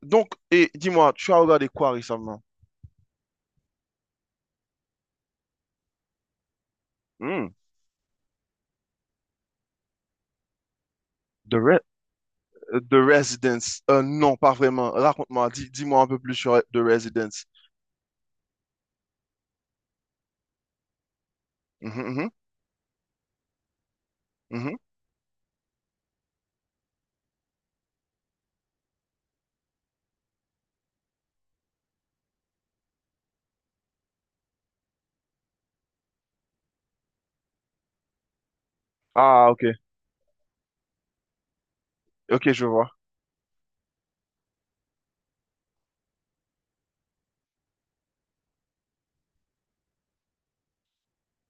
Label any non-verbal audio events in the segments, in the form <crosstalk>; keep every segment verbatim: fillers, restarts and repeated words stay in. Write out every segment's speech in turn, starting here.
Donc, et dis-moi, tu as regardé quoi récemment? Hmm. The, Re- euh, The Residence. Euh, non, pas vraiment. Raconte-moi, dis, moi un peu plus sur The Residence. Mhm, mhm, mhm. Ah, ok. Ok, je vois.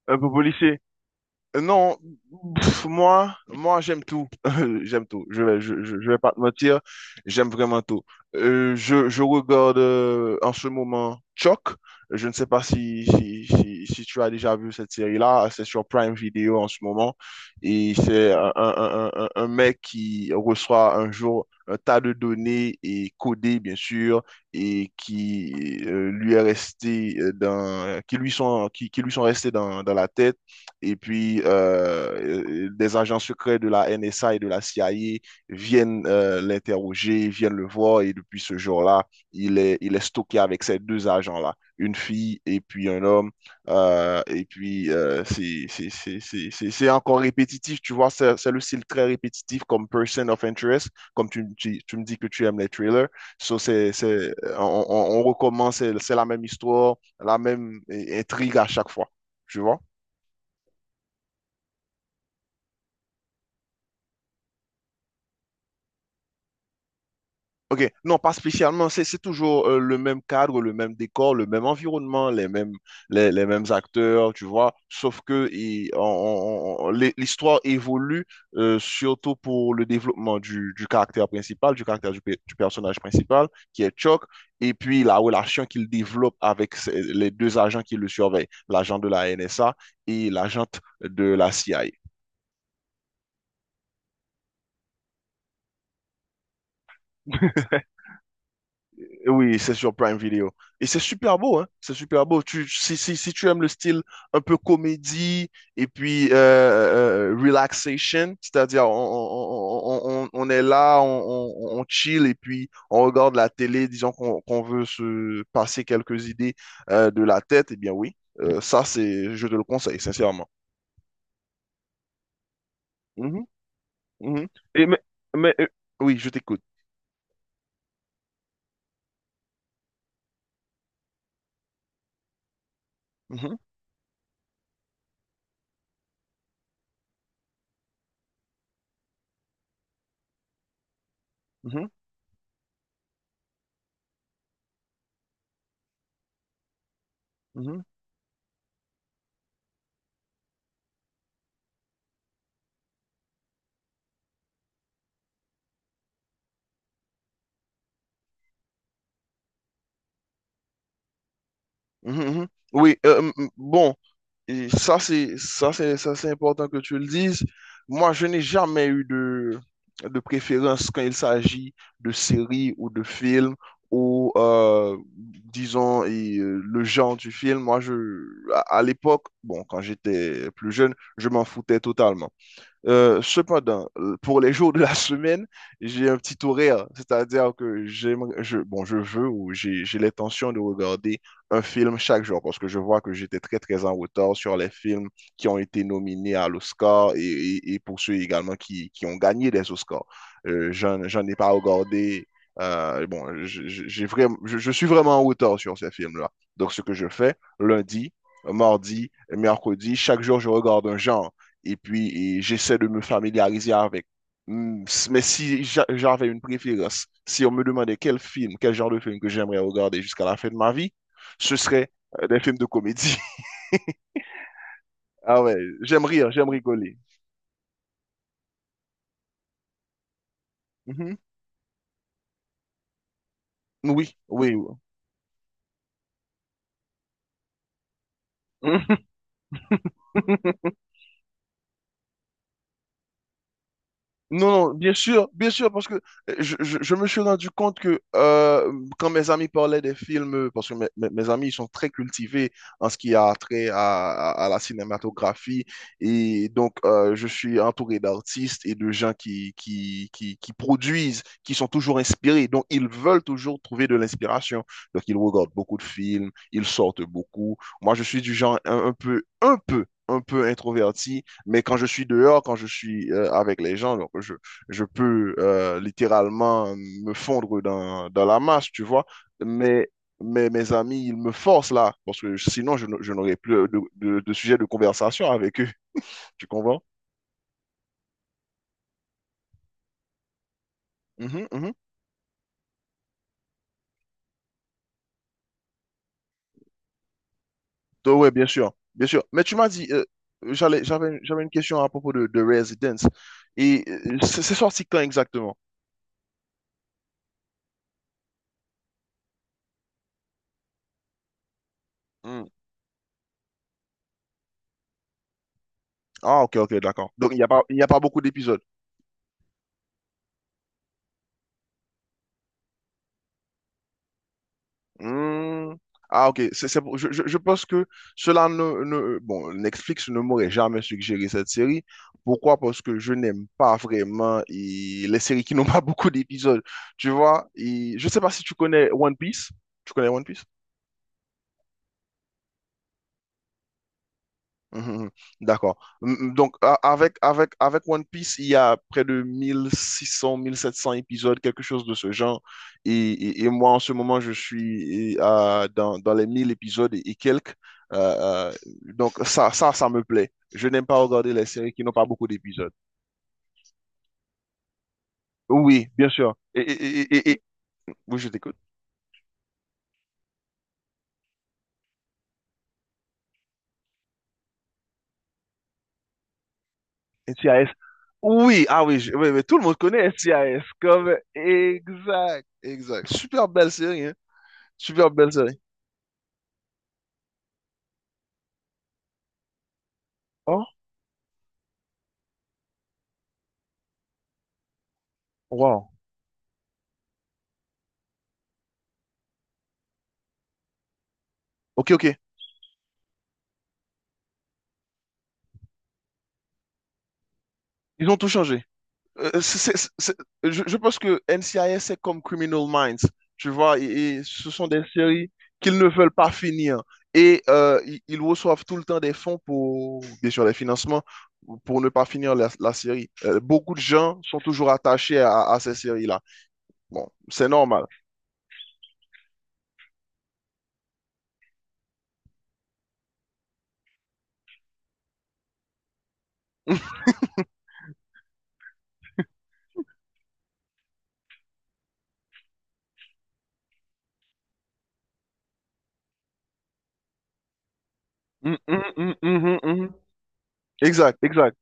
Un peu policier. Euh, Non, pff, moi, moi j'aime tout. <laughs> J'aime tout. Je vais, je, je- je vais pas te mentir. J'aime vraiment tout. Euh, je, je regarde euh, en ce moment Chuck. Je ne sais pas si, si, si, si tu as déjà vu cette série-là. C'est sur Prime Video en ce moment. Et c'est un, un, un, un un mec qui reçoit un jour un tas de données et codées, bien sûr, et qui euh, lui est resté, euh, dans, qui lui sont, qui, qui lui sont restées dans, dans la tête. Et puis, euh, euh, des agents secrets de la N S A et de la C I A viennent euh, l'interroger, viennent le voir. Et depuis ce jour-là, il est, il est stocké avec ces deux agents-là, une fille et puis un homme. Euh, et puis, euh, c'est c'est- c'est- c'est- c'est- c'est encore répétitif, tu vois, c'est c'est le style très répétitif comme Person of Interest, comme tu, tu, tu me dis que tu aimes les trailers. So, c'est, c'est, on, on on recommence, c'est c'est la même histoire, la même euh, intrigue à chaque fois, tu vois. OK, non, pas spécialement. C'est c'est toujours euh, le même cadre, le même décor, le même environnement, les mêmes, les, les mêmes acteurs, tu vois. Sauf que il- on- on- on- l'hi- l'histoire évolue, euh, surtout pour le développement du, du caractère principal, du caractère du, pe- du personnage principal, qui est Chuck, et puis la relation qu'il développe avec ses- les deux agents qui le surveillent, l'agent de la N S A et l'agente de la C I A. <laughs> Oui, c'est sur Prime Video. Et c'est super beau, hein? C'est super beau. Tu, si, si, Si tu aimes le style un peu comédie et puis euh, euh, relaxation, c'est-à-dire on, on, on, on- on est là, on, on, on chill et puis on regarde la télé, disons qu'on qu'on veut se passer quelques idées euh, de la tête. Eh bien oui, euh, ça c'est, je te le conseille, sincèrement. Mhm, mhm. Et mais, mais, euh, oui, je t'écoute. Mhm, mhm, mhm, mhm, mhm. Oui, euh, m- m- bon. Et ça, c'est, ça, c'est, ça, c'est important que tu le dises. Moi, je n'ai jamais eu de, de préférence quand il s'agit de séries ou de films ou, euh, disons, et, euh, le genre du film. Moi, je, à à l'époque, bon, quand j'étais plus jeune, je m'en foutais totalement. Euh, cependant, euh, pour les jours de la <laughs> semaine, j'ai un petit horaire, c'est-à-dire que j'aime, je, bon, je veux ou j'ai, j'ai l'intention de regarder un film chaque jour parce que je vois que j'étais très, très en retard sur les films qui ont été nominés à l'Oscar et, et- et pour ceux également qui, qui ont gagné des Oscars. Euh, j'en, j'en ai pas regardé. Euh, bon, je- je- j'ai vraiment, je, je suis vraiment en retard sur ces films-là. Donc, ce que je fais, lundi, mardi, mercredi, chaque jour, je regarde un genre et puis et j'essaie de me familiariser avec. Mm. Mais si j'avais une préférence, si on me demandait quel film, quel genre de film que j'aimerais regarder jusqu'à la fin de ma vie, ce serait euh, des films de comédie. <laughs> Ah ouais, j'aime rire, j'aime rigoler. Mhm. Oui, oui, oui. <laughs> Non, non, bien sûr, bien sûr, parce que euh, je, je- je me suis rendu compte que euh, quand mes amis parlaient des films, euh, parce que mes, mes- mes amis, ils sont très cultivés en ce qui a trait à, à- à la cinématographie, et donc euh, je suis entouré d'artistes et de gens qui, qui, qui, qui produisent, qui sont toujours inspirés, donc ils veulent toujours trouver de l'inspiration. Donc ils regardent beaucoup de films, ils sortent beaucoup. Moi, je suis du genre un, un peu, un peu, un peu introverti, mais quand je suis dehors, quand je suis euh, avec les gens, donc je, je peux euh, littéralement me fondre dans, dans la masse, tu vois. Mais, mais mes amis, ils me forcent là, parce que sinon, je, n- je n'aurais plus de, de, de sujet de conversation avec eux. Tu comprends? Mhm, mhm. Donc, ouais, bien sûr, bien sûr. Mais tu m'as dit, euh, j'allais, j'avais, j'avais une question à propos de, de Residence. Et euh, c'est c'est sorti quand exactement? Hmm. Ah, ok, ok, d'accord. Donc, il n'y a pas, il n'y a pas beaucoup d'épisodes. Hmm. Ah, ok. C'est, c'est pour- je, je- Je pense que cela ne, ne- Bon, Netflix ne m'aurait jamais suggéré cette série. Pourquoi? Parce que je n'aime pas vraiment et les séries qui n'ont pas <laughs> beaucoup d'épisodes. Tu vois? Et je sais pas si tu connais One Piece. Tu connais One Piece? Mhm, mhm. D'accord. Mm, mm. Donc, a- avec, avec, avec One Piece, il y a près de mille, mille six cents, mille sept cents épisodes, quelque chose de ce genre. Et, et- et moi, en ce moment, je suis et, euh, dans, dans les mille épisodes et, et quelques. Euh, euh, donc, ça, ça, ça me plaît. Je n'aime pas regarder les séries qui n'ont pas beaucoup d'épisodes. Oui, bien sûr. Et, et, et, et- et- Oui, je t'écoute. N C I S. Oui, ah oui, je- oui, mais tout le monde connaît N C I S. Comme, exact, exact. Super belle série, hein. Super belle série. Oh, wow. Ok, ok. Ils ont tout changé. Euh, c'est- c'est- c'est- je, je pense que N C I S, c'est comme Criminal Minds. Tu vois, et, et ce sont des séries qu'ils ne veulent pas finir. Et euh, ils, ils reçoivent tout le temps des fonds pour, bien sûr, les financements pour ne pas finir la, la série. Euh, beaucoup de gens sont toujours attachés à, à ces séries-là. Bon, c'est normal. Mm, mm, mm, mhm, mhm. Exact, exact.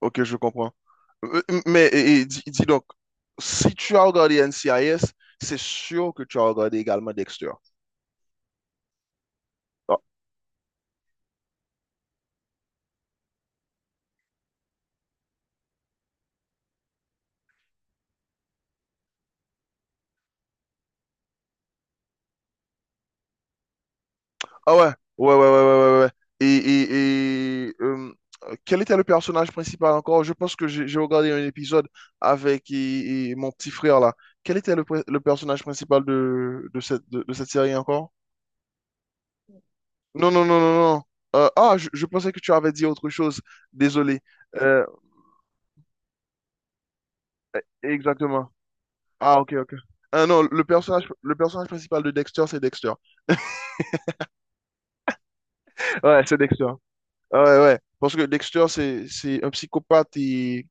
Ok, je comprends. Euh, euh, Mais et- et dis, dis donc, si tu as regardé N C I S, c'est sûr que tu as regardé également Dexter. Ah, ah ouais, ouais, ouais, ouais, ouais, ouais, ouais. Et, et, et, euh, Quel était le personnage principal encore? Je pense que j'ai j'ai regardé un épisode avec et- et mon petit frère là. Quel était le, pr- le personnage principal de, de cette, de, de cette série encore? Non, non, non, non, non. Euh, ah, je, je pensais que tu avais dit autre chose. Désolé. Euh, Exactement. Ah, ok, ok. Ah non, le personnage, le personnage principal de Dexter, c'est Dexter. Ouais, c'est Dexter. Ouais, ouais. Parce que Dexter, c'est, c'est un psychopathe et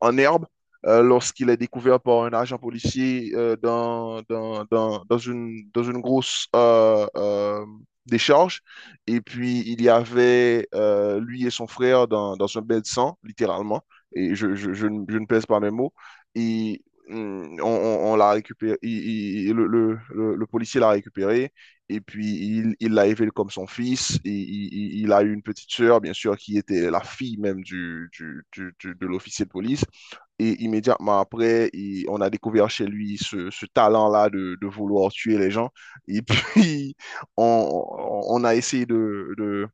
en herbe, euh, lorsqu'il est découvert par un agent policier, euh, dans, dans, dans, dans une, dans une grosse euh, euh, décharge. Et puis, il y avait euh, lui et son frère dans, dans un bain de sang, littéralement. Et je, je, je, ne je ne pèse pas mes mots. Et hum, on, on- on l'a récupéré. Il- il- il- le, le- le- le policier l'a récupéré. Et puis, il, il l'a élevé comme son fils. Et il, il- il a eu une petite sœur, bien sûr, qui était la fille même du, du, du- du- de l'officier de police. Et immédiatement après, il- on a découvert chez lui ce, ce talent-là de, de vouloir tuer les gens. Et puis, <laughs> on, on a essayé de, de,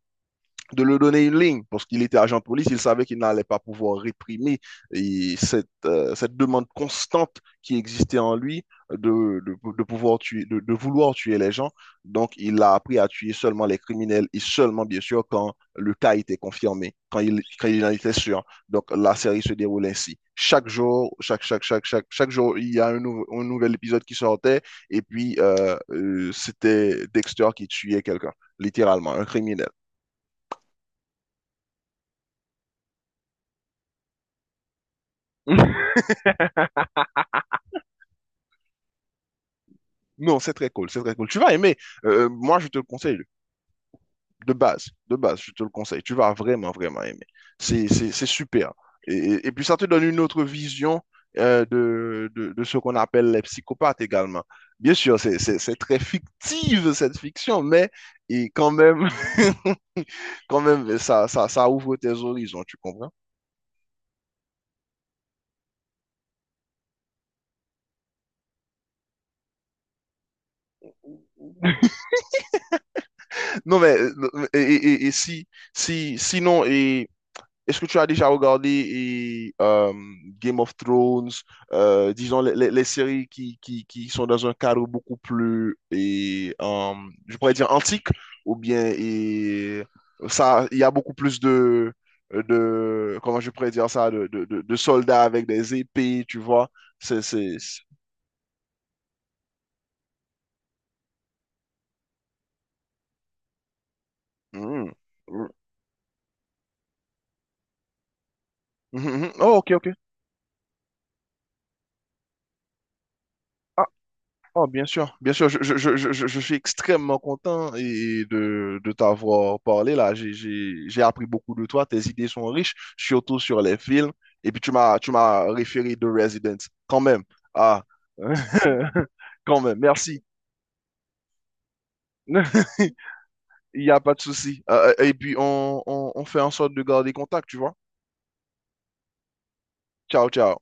de lui donner une ligne, parce qu'il était agent de police, il savait qu'il n'allait pas pouvoir réprimer et cette, euh, cette demande constante qui existait en lui de, de, de pouvoir tuer, de, de, vouloir tuer les gens. Donc, il a appris à tuer seulement les criminels et seulement, bien sûr, quand le cas était confirmé, quand il, quand il en était sûr. Donc, la série se déroule ainsi. Chaque jour, chaque, chaque, chaque, chaque, Chaque jour, il y a un, nou un nouvel épisode qui sortait, et puis euh, euh, c'était Dexter qui tuait quelqu'un, littéralement, un criminel. <laughs> Non, c'est très cool, c'est très cool. Tu vas aimer. Euh, euh, moi, je te le conseille, de base, de base, je te le conseille. Tu vas vraiment, vraiment aimer. C'est, c'est, c'est super. Et, et puis, ça te donne une autre vision euh, de, de, de ce qu'on appelle les psychopathes également. Bien sûr, c'est, c'est, c'est très fictive, cette fiction, mais et quand même, <laughs> quand même, ça, ça, ça ouvre tes horizons, tu comprends? Non, mais euh, et, et- et si, si, sinon, est-ce que tu as déjà regardé et, euh, Game of Thrones, euh, disons les, les- les séries qui, qui, qui sont dans un cadre beaucoup plus, et, euh, je pourrais dire antique, ou bien et, ça, il y a beaucoup plus de, de comment je pourrais dire ça, de, de, de- de soldats avec des épées, tu vois. C'est, c'est, c'est- Hmm. Hmm. Mhm, mhm. Oh, ok, ok. Ah, Oh, bien sûr, bien sûr, je, je, je, je, je- suis extrêmement content et de, de t'avoir parlé là. J'ai, j'ai, j'ai appris beaucoup de toi, tes idées sont riches, surtout sur les films. Et puis tu m'as, tu m'as référé de Resident, quand même. Ah, <laughs> quand même, merci. <laughs> Il n'y a pas de souci. Euh, et puis on, on, on fait en sorte de garder contact, tu vois. Ciao, ciao.